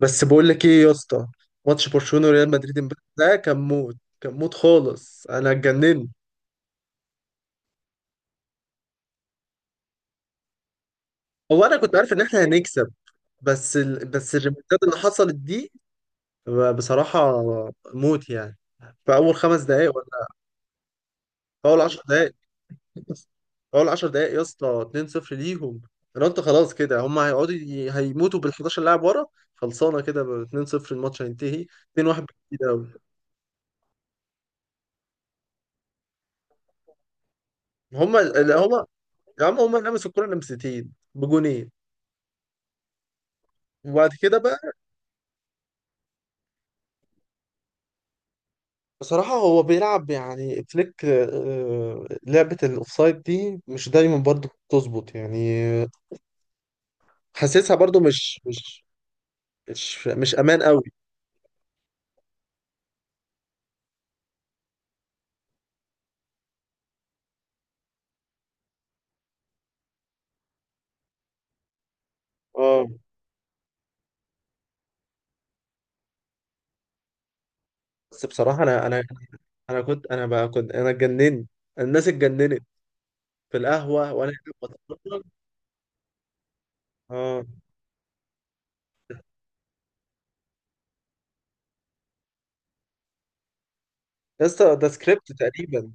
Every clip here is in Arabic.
بس بقول لك ايه يا اسطى. ماتش برشلونه وريال مدريد امبارح ده كان موت. كان موت خالص، انا اتجننت. هو انا كنت عارف ان احنا هنكسب، بس الريمونتادا اللي حصلت دي بصراحه موت يعني. في اول خمس دقائق ولا في اول 10 دقائق، في اول 10 دقائق يا اسطى. 2-0 ليهم. انا قلت خلاص كده هم هيموتوا بال 11 لاعب ورا. خلصانه كده ب 2-0 الماتش هينتهي. 2-1 بالكتير قوي. هم يا عم هم لمسوا الكوره لمستين بجونين. وبعد كده بقى بصراحة هو بيلعب يعني فليك، لعبة الأوفسايد دي مش دايما برضو بتظبط يعني. حاسسها برضو مش أمان قوي. اه بس بصراحة أنا كنت، أنا بقى كنت، أنا اتجننت. الناس اتجننت في القهوة وأنا قاعد بتفرج. اه يا اسطى ده سكريبت تقريبا.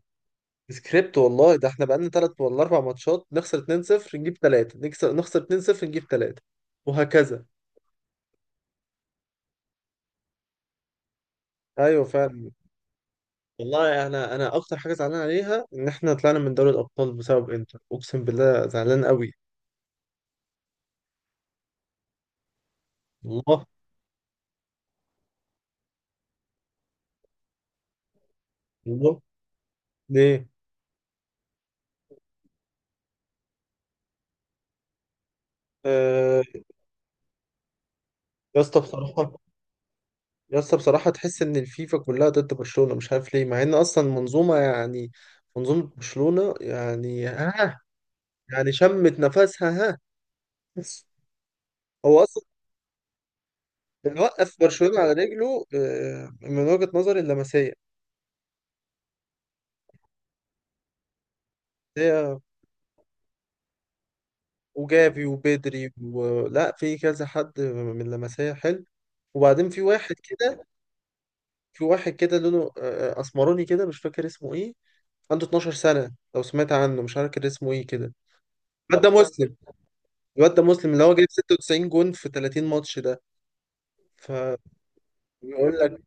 سكريبت والله، ده احنا بقالنا تلات ولا أربع ماتشات نخسر 2-0 نجيب تلاتة، نكسب، نخسر 2-0 نجيب تلاتة وهكذا. أيوه فعلا. والله انا، اكتر حاجه زعلان عليها ان احنا طلعنا من دوري الابطال بسبب انتر، اقسم بالله زعلان قوي. الله. الله. ليه. آه يا اسطى بصراحه، يا اسطى بصراحه تحس ان الفيفا كلها ضد برشلونه مش عارف ليه، مع ان اصلا منظومه يعني، منظومه برشلونه يعني ها. يعني شمت نفسها ها. بس هو اصلا اللي وقف برشلونه على رجله من وجهه نظري اللمسيه. هي وجافي وبدري ولا في كذا حد من اللمسيه حلو. وبعدين في واحد كده، في واحد كده لونه اسمراني كده مش فاكر اسمه ايه. عنده 12 سنة، لو سمعت عنه مش عارف كان اسمه ايه كده. الواد ده مسلم، الواد ده مسلم اللي هو جايب 96 جون في 30 ماتش ده. فبيقول لك،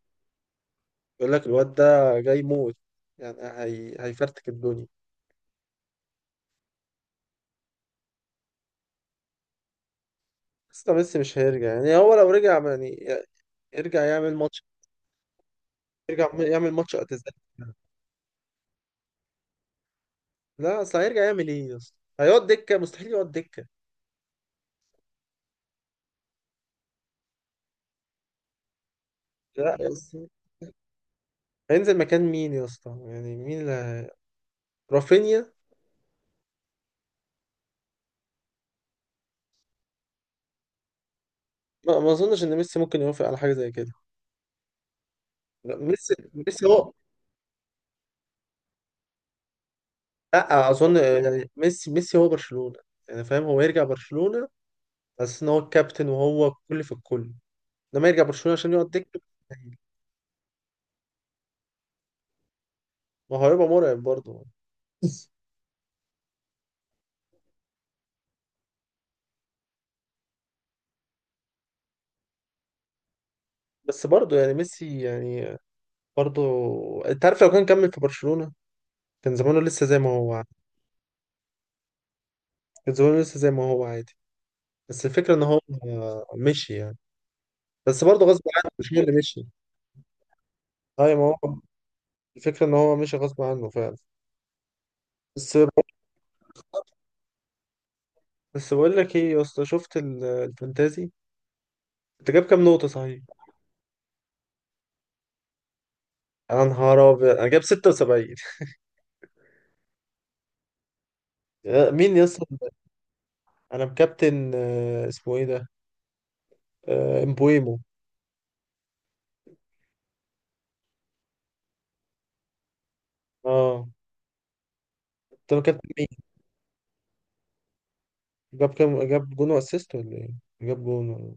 بيقول لك الواد ده جاي موت يعني، هيفرتك الدنيا. بس ده ميسي مش هيرجع، يعني هو لو رجع يعني يرجع يعمل ماتش، يرجع يعمل ماتش اعتزال. لا اصل هيرجع يعمل ايه يا اسطى؟ هيقعد دكة؟ مستحيل يقعد دكة. لا يا اسطى، هينزل مكان مين يا اسطى؟ يعني مين اللي، رافينيا؟ ما اظنش ان ميسي ممكن يوافق على حاجه زي كده. لا، ميسي هو. لا اظن. يعني ميسي هو برشلونه، يعني فاهم، هو يرجع برشلونه بس ان هو الكابتن وهو الكل في الكل؟ لما يرجع برشلونه عشان يقعد دكه؟ ما هو هيبقى مرعب برضه. بس برضه يعني ميسي يعني، برضه. انت عارف لو كان كمل في برشلونه كان زمانه لسه زي ما هو عادي، كان زمانه لسه زي ما هو عادي. بس الفكره ان هو مشي يعني، بس برضه غصب عنه، مش هو اللي مشي. ايوه ما هو، الفكره ان هو مشي غصب عنه فعلا. بس، بس بقول لك ايه يا اسطى، شفت الفانتازي؟ انت جاب كام نقطة صحيح؟ انا نهار ابيض، انا جاب 76. مين يا اسطى؟ انا مكابتن اسمه ايه ده؟ آه، امبويمو. اه. انت مكابتن مين؟ جاب كام؟ جاب جون واسيست ولا ايه؟ جاب جون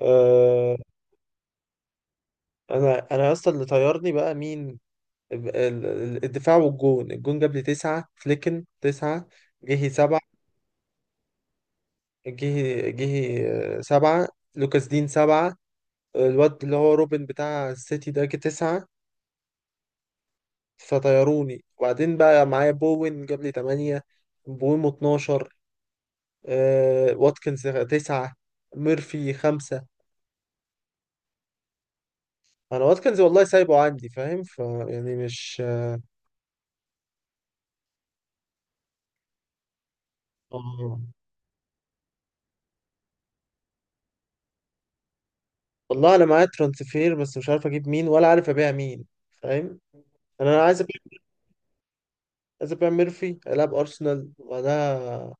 آه. انا يا اسطى اللي طيرني بقى مين؟ الدفاع والجون. الجون جاب لي تسعة، فليكن تسعة، جهي سبعة، جهي سبعة، لوكاس دين سبعة، الواد اللي هو روبن بتاع السيتي ده جه تسعة، فطيروني. وبعدين بقى معايا بوين جاب لي تمانية، بويمو اتناشر، آه واتكنز تسعة، ميرفي خمسة. أنا واتكنز والله سايبه عندي فاهم، ف يعني مش، آه. والله أنا معايا ترانسفير بس مش عارف أجيب مين ولا عارف أبيع مين، فاهم؟ يعني أنا عايز أبيع، عايز أبيع ميرفي ألعب أرسنال وبعدها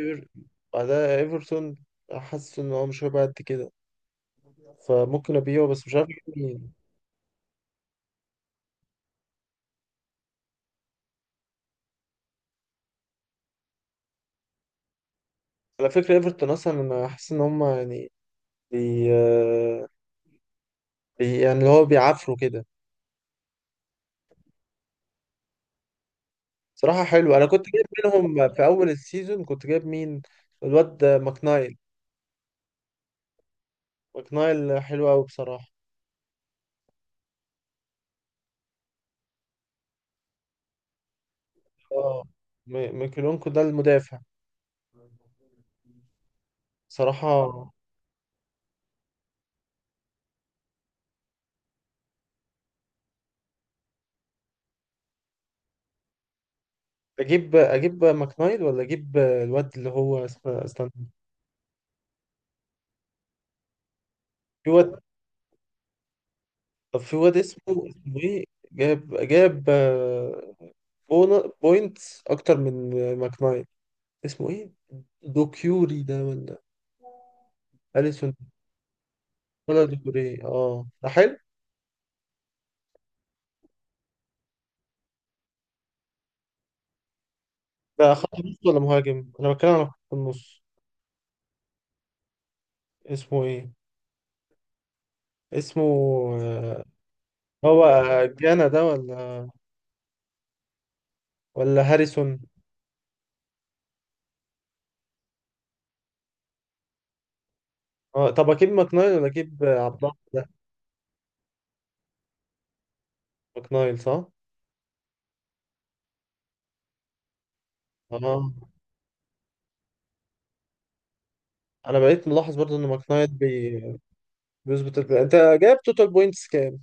إيفر- بعدها إيفرتون. حاسس إن هو مش هيبقى قد كده، فممكن أبيعه بس مش عارف أجيب مين. على فكرة ايفرتون اصلا لما حاسس ان هم يعني، بي آه، يعني اللي هو بيعافروا كده. صراحة حلو، انا كنت جايب منهم في اول السيزون، كنت جايب مين؟ الواد ده، ماكنايل. ماكنايل حلو قوي بصراحة. اه، ميكيلونكو ده المدافع. صراحة، اجيب ماكنايل ولا اجيب الواد اللي هو اسمه، استنى. في واد، طب في واد اسمه ايه؟ جاب بوينتس اكتر من ماكنايل. اسمه ايه؟ دوكيوري ده ولا اليسون ولا دوكيوري؟ اه ده حلو. ده خط نص ولا مهاجم؟ انا بتكلم على خط النص. اسمه ايه؟ اسمه آه، هو جانا ده ولا ولا هاريسون؟ اه طب اجيب ماكنايل ولا اجيب عبد الله ده؟ ماكنايل صح. اه انا بقيت ملاحظ برضو ان ماكنايل بيظبط البلاي. انت جايب توتال بوينتس كام؟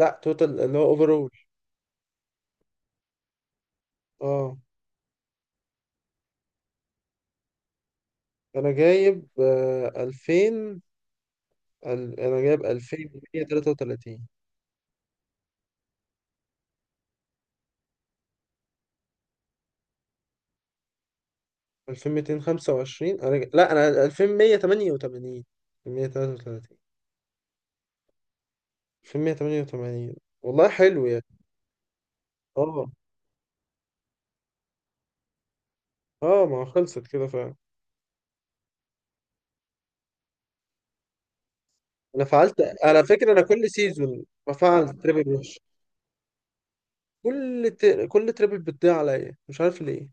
لا توتال اللي هو اوفرول. اه انا جايب 2000، انا جايب 2133. 2225؟ لا انا 2188. 2133. 2188. والله حلو يعني. اه. اه ما هو خلصت كده فعلا. انا فعلت، على فكره انا كل سيزون بفعل تريبل وحش. كل تريبل بتضيع عليا مش عارف ليه.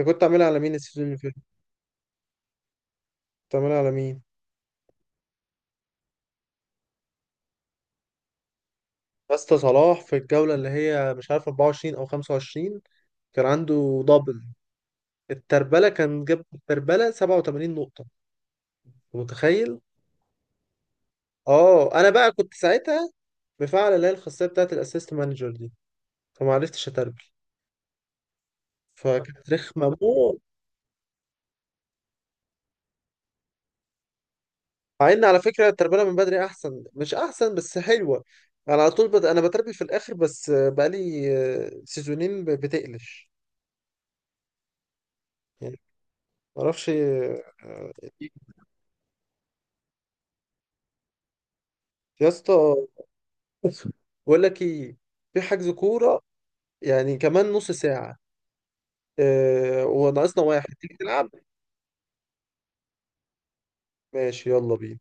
انت كنت عاملها على مين السيزون اللي فات؟ كنت عاملها على مين؟ يا اسطى صلاح في الجوله اللي هي مش عارف 24 او 25، كان عنده دبل، التربله كان جاب التربله 87 نقطه، متخيل؟ اه انا بقى كنت ساعتها مفعل اللي هي الخاصيه بتاعت الاسيست مانجر دي، فما عرفتش اتربي، فكانت رخمه موت. مع ان على فكره التربيه من بدري احسن، مش احسن بس حلوه. انا على طول بد... انا بتربي في الاخر بس بقالي سيزونين بتقلش يعني، معرفش آه. يا اسطى بقول لك ايه، في حجز كوره يعني كمان نص ساعه، وناقصنا واحد، تيجي تلعب؟ ماشي يلا بينا.